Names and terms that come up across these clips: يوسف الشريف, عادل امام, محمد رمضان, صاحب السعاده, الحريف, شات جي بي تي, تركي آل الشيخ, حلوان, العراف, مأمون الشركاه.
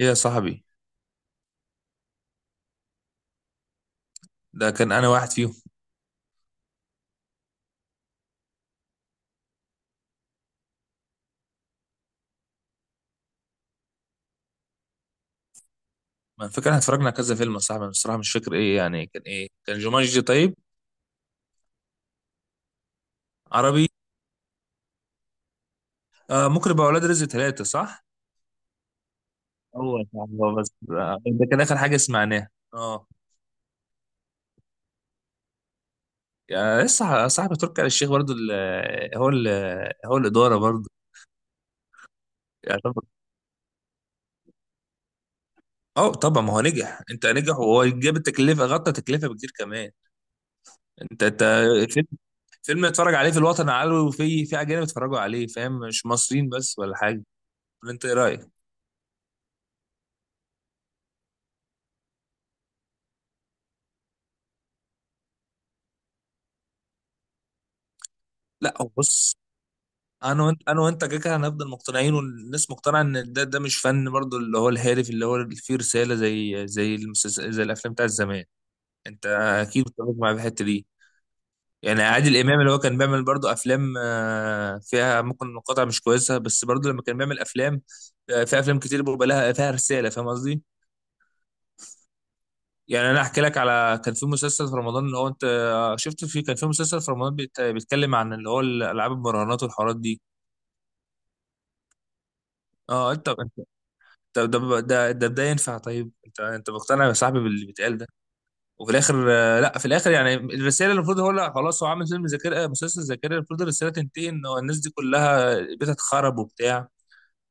ايه يا صاحبي. ده كان انا واحد فيهم. ما فكرة احنا اتفرجنا على كذا فيلم يا صاحبي، بس الصراحه مش فاكر. ايه يعني كان ايه؟ كان جومانجي؟ طيب. عربي. آه ممكن يبقى اولاد رزق ثلاثة، صح؟ هو يا صاحبي هو بس، ده كان اخر حاجه سمعناها اه. يعني لسه صاحبي تركي آل الشيخ برضه، ال- هو ال هو الاداره برضه. يعتبر. اه طبعا، ما هو نجح. انت نجح، وهو جاب التكلفه، غطى تكلفه بكتير كمان. انت فيلم. فيلم اتفرج عليه في الوطن العربي، وفي اجانب اتفرجوا عليه، فاهم؟ مش مصريين بس ولا حاجه. انت ايه رايك؟ لا هو بص، انا وانت انا وانت كده كده هنفضل مقتنعين، والناس مقتنعه ان ده مش فن برضو، اللي هو الهادف، اللي هو فيه رساله، زي المسلسل، زي الافلام بتاعت زمان. انت اكيد بتتفق مع الحته دي. يعني عادل امام اللي هو كان بيعمل برضو افلام فيها ممكن مقاطع مش كويسه، بس برضو لما كان بيعمل افلام، في افلام كتير بيبقى لها فيها رساله، فاهم قصدي؟ يعني انا احكي لك على، كان في مسلسل في رمضان اللي هو انت شفت؟ في كان في مسلسل في رمضان بيتكلم عن اللي هو الالعاب المراهنات والحوارات دي. اه انت، طب ده ينفع؟ طيب انت مقتنع يا صاحبي باللي بيتقال ده؟ وفي الاخر لا، في الاخر يعني الرساله المفروض، هو لا خلاص، هو عامل فيلم ذاكره، مسلسل ذاكره، المفروض الرساله تنتهي ان هو الناس دي كلها بيتها اتخرب وبتاع،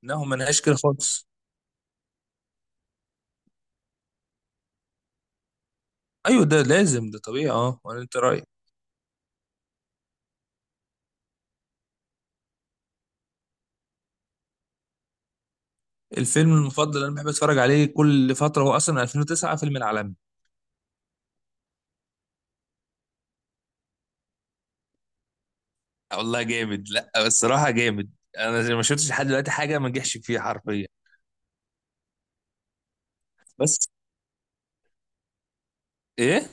انهم ما لهاش كده خالص. ايوه ده لازم، ده طبيعي اه، ولا انت رايك؟ الفيلم المفضل اللي انا بحب اتفرج عليه كل فتره هو اصلا 2009، فيلم العالمي. والله جامد، لا الصراحه جامد. انا ما شفتش لحد دلوقتي حاجه ما نجحش فيها حرفيا. بس. ايه.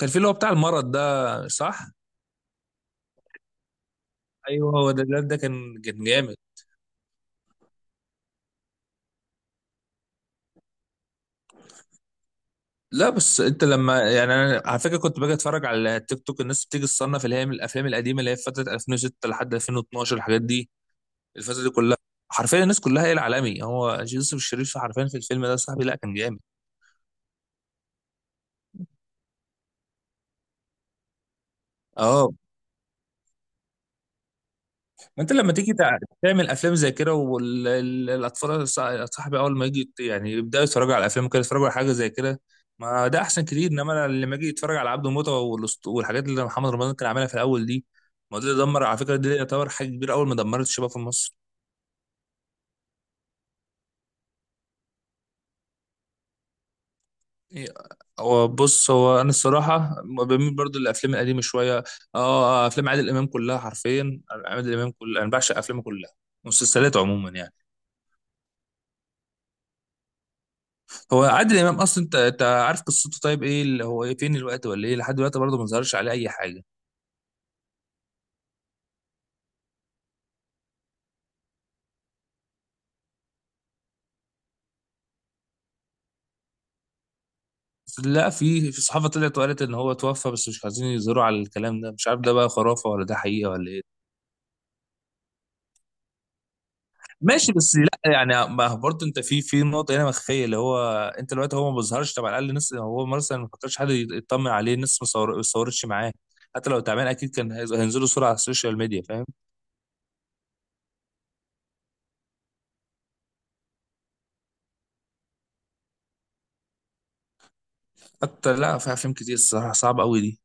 كان في اللي هو بتاع المرض ده، صح؟ ايوه هو ده، الواد ده كان جامد. لا بس انت لما، يعني انا على فكره كنت باجي اتفرج على تيك توك، الناس بتيجي تصنف اللي هي من الافلام القديمه، اللي هي في فتره 2006 لحد 2012 الحاجات دي، الفتره دي كلها، حرفيا الناس كلها هي العالمي، هو يوسف الشريف حرفيا في الفيلم ده. صاحبي لا كان جامد. اه، ما انت لما تيجي تعمل افلام زي كده والاطفال، صاحبي اول ما يجي يعني يبداوا يتفرجوا على الافلام كده، يتفرجوا على حاجه زي كده، ما ده احسن كتير. انما أنا لما اجي يتفرج على عبده موته والحاجات اللي محمد رمضان كان عاملها في الاول دي، ما ده دمر على فكره. دي يعتبر حاجه كبيره اول ما دمرت الشباب في مصر. إيه، هو بص، هو انا الصراحه بميل برضو للافلام القديمه شويه. اه افلام عادل امام كلها حرفيا، عادل امام كلها، انا بعشق افلامه كلها. مسلسلات عموما يعني. هو عادل امام اصلا انت عارف قصته؟ طيب ايه اللي هو ايه، فين الوقت ولا ايه، لحد دلوقتي برضه ما ظهرش عليه اي حاجه. لا في صحافه طلعت وقالت ان هو توفى، بس مش عايزين يظهروا على الكلام ده. مش عارف ده بقى خرافه ولا ده حقيقه ولا ايه. ماشي بس لا يعني، ما هو برضه انت في نقطه هنا مخفيه اللي هو، انت دلوقتي هو ما بيظهرش، طب على الاقل الناس، هو مثلا ما كترش حد يطمن عليه، الناس ما صورتش معاه، حتى لو تعبان اكيد كان هينزلوا صوره على السوشيال ميديا، فاهم؟ حتى لا، في افلام كتير الصراحه صعبه قوي دي،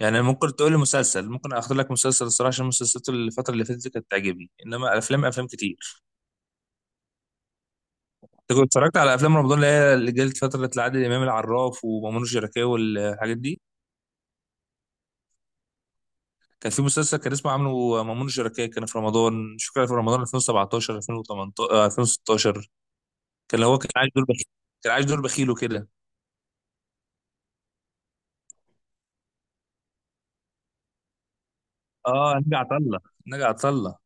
يعني ممكن تقول لي مسلسل، ممكن اختار لك مسلسل الصراحه، عشان المسلسلات اللي الفتره اللي فاتت دي كانت تعجبني، انما افلام افلام كتير. انت كنت اتفرجت على افلام رمضان اللي هي اللي جت فتره عادل امام، العراف ومأمون الشركاه والحاجات دي؟ كان في مسلسل كان اسمه عامله مأمون الشركاه، كان في رمضان، مش فاكر في رمضان 2017 2018 2016. كان هو كان عايش دور بخيل، كان عايش دور بخيل وكده. اه نجا عطله، نجا عطله.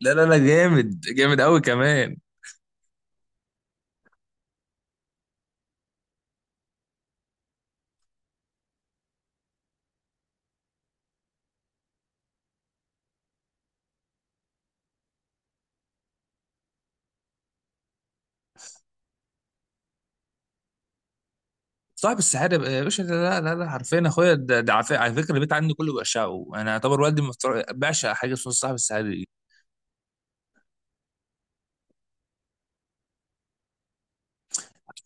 لا لا لا جامد جامد قوي كمان. صاحب السعاده لا لا لا حرفيا اخويا ده، على فكره البيت عندي كله بيعشقه، انا اعتبر والدي بيعشق حاجه اسمها صاحب السعاده دي.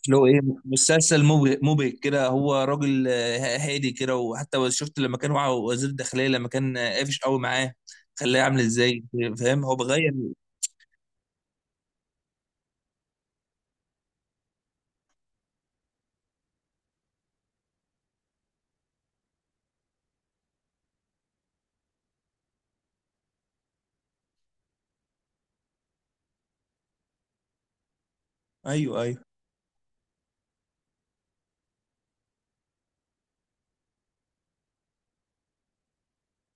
اللي هو ايه، مسلسل مبهج، مبهج كده، هو راجل هادي كده. وحتى شفت لما كان معاه وزير الداخليه لما كان قافش قوي معاه؟ خلاه عامل ازاي. فاهم هو بغير. ايوه ايوه.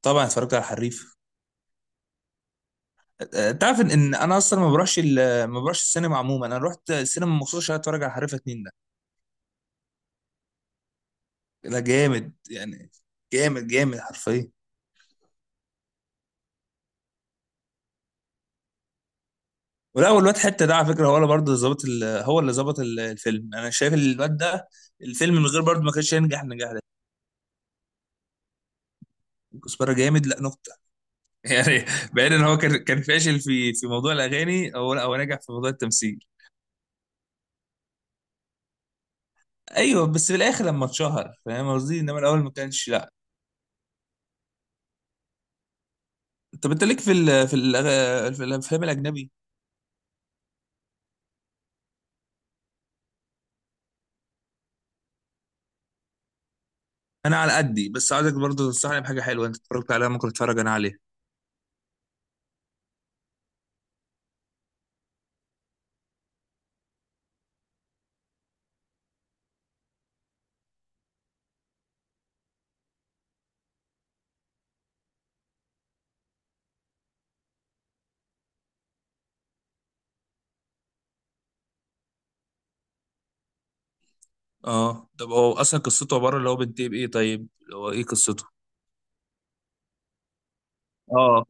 طبعا اتفرجت على الحريف. تعرف إن انا اصلا ما بروحش ما بروحش السينما عموما؟ انا رحت السينما مخصوص عشان اتفرج على الحريفه اتنين ده. ده جامد يعني، جامد جامد حرفيا. ولا هو الواد حته ده، على فكره هو اللي برضه هو اللي ظبط الفيلم. انا شايف الواد ده الفيلم من غير برضه ما كانش هينجح النجاح ده. كزبره جامد لا نقطه. يعني بعيد ان هو كان فاشل في موضوع الاغاني، هو لا، هو نجح في موضوع التمثيل. ايوه بس في الاخر لما اتشهر، فاهم قصدي؟ انما الاول ما كانش، لا. طب انت ليك في في الافلام الاجنبي؟ انا على قدي، بس عايزك برضه تنصحني بحاجه حلوه انت اتفرجت عليها ممكن اتفرج انا عليها. اه طب هو اصلا قصته عباره اللي هو بنتي بايه، طيب اللي هو ايه قصته؟ اه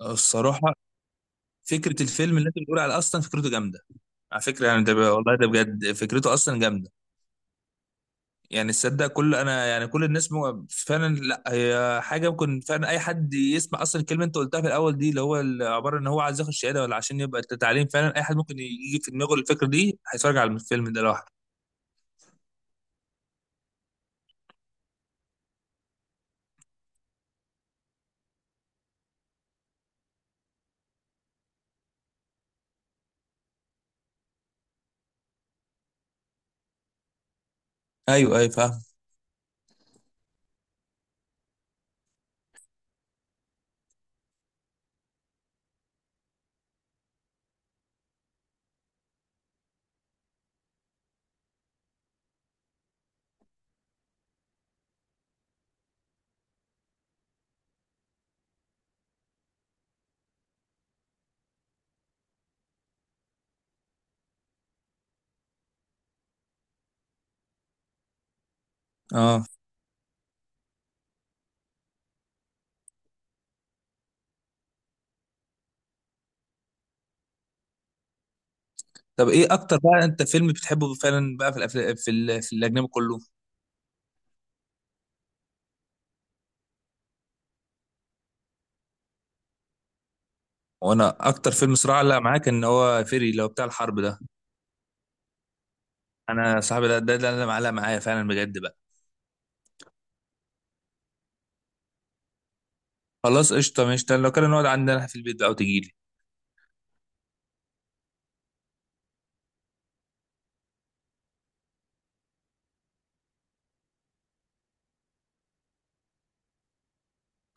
الصراحة، فكره الفيلم اللي انت بتقول على اصلا فكرته جامده. على فكره يعني والله ده بجد فكرته اصلا جامده. يعني تصدق كل، انا يعني كل الناس فعلا، لا هي حاجه ممكن فعلا اي حد يسمع اصلا الكلمه انت قلتها في الاول دي، اللي هو عباره ان هو عايز ياخد شهاده ولا عشان يبقى تعليم، فعلا اي حد ممكن يجي في دماغه الفكره دي هيتفرج على الفيلم ده لوحده. ايوه ايوه فاهم. اه طب ايه اكتر بقى انت فيلم بتحبه فعلا بقى في في الاجنبي كله؟ وانا اكتر فيلم صراع، لا معاك، ان هو فيري اللي هو بتاع الحرب ده. انا صاحبي ده اللي معلق معايا فعلا بجد بقى. خلاص قشطه ماشي، لو كده نقعد عندنا في البيت بقى وتجيلي.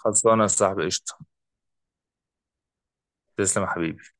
خلصانه يا صاحبي قشطه. تسلم يا حبيبي.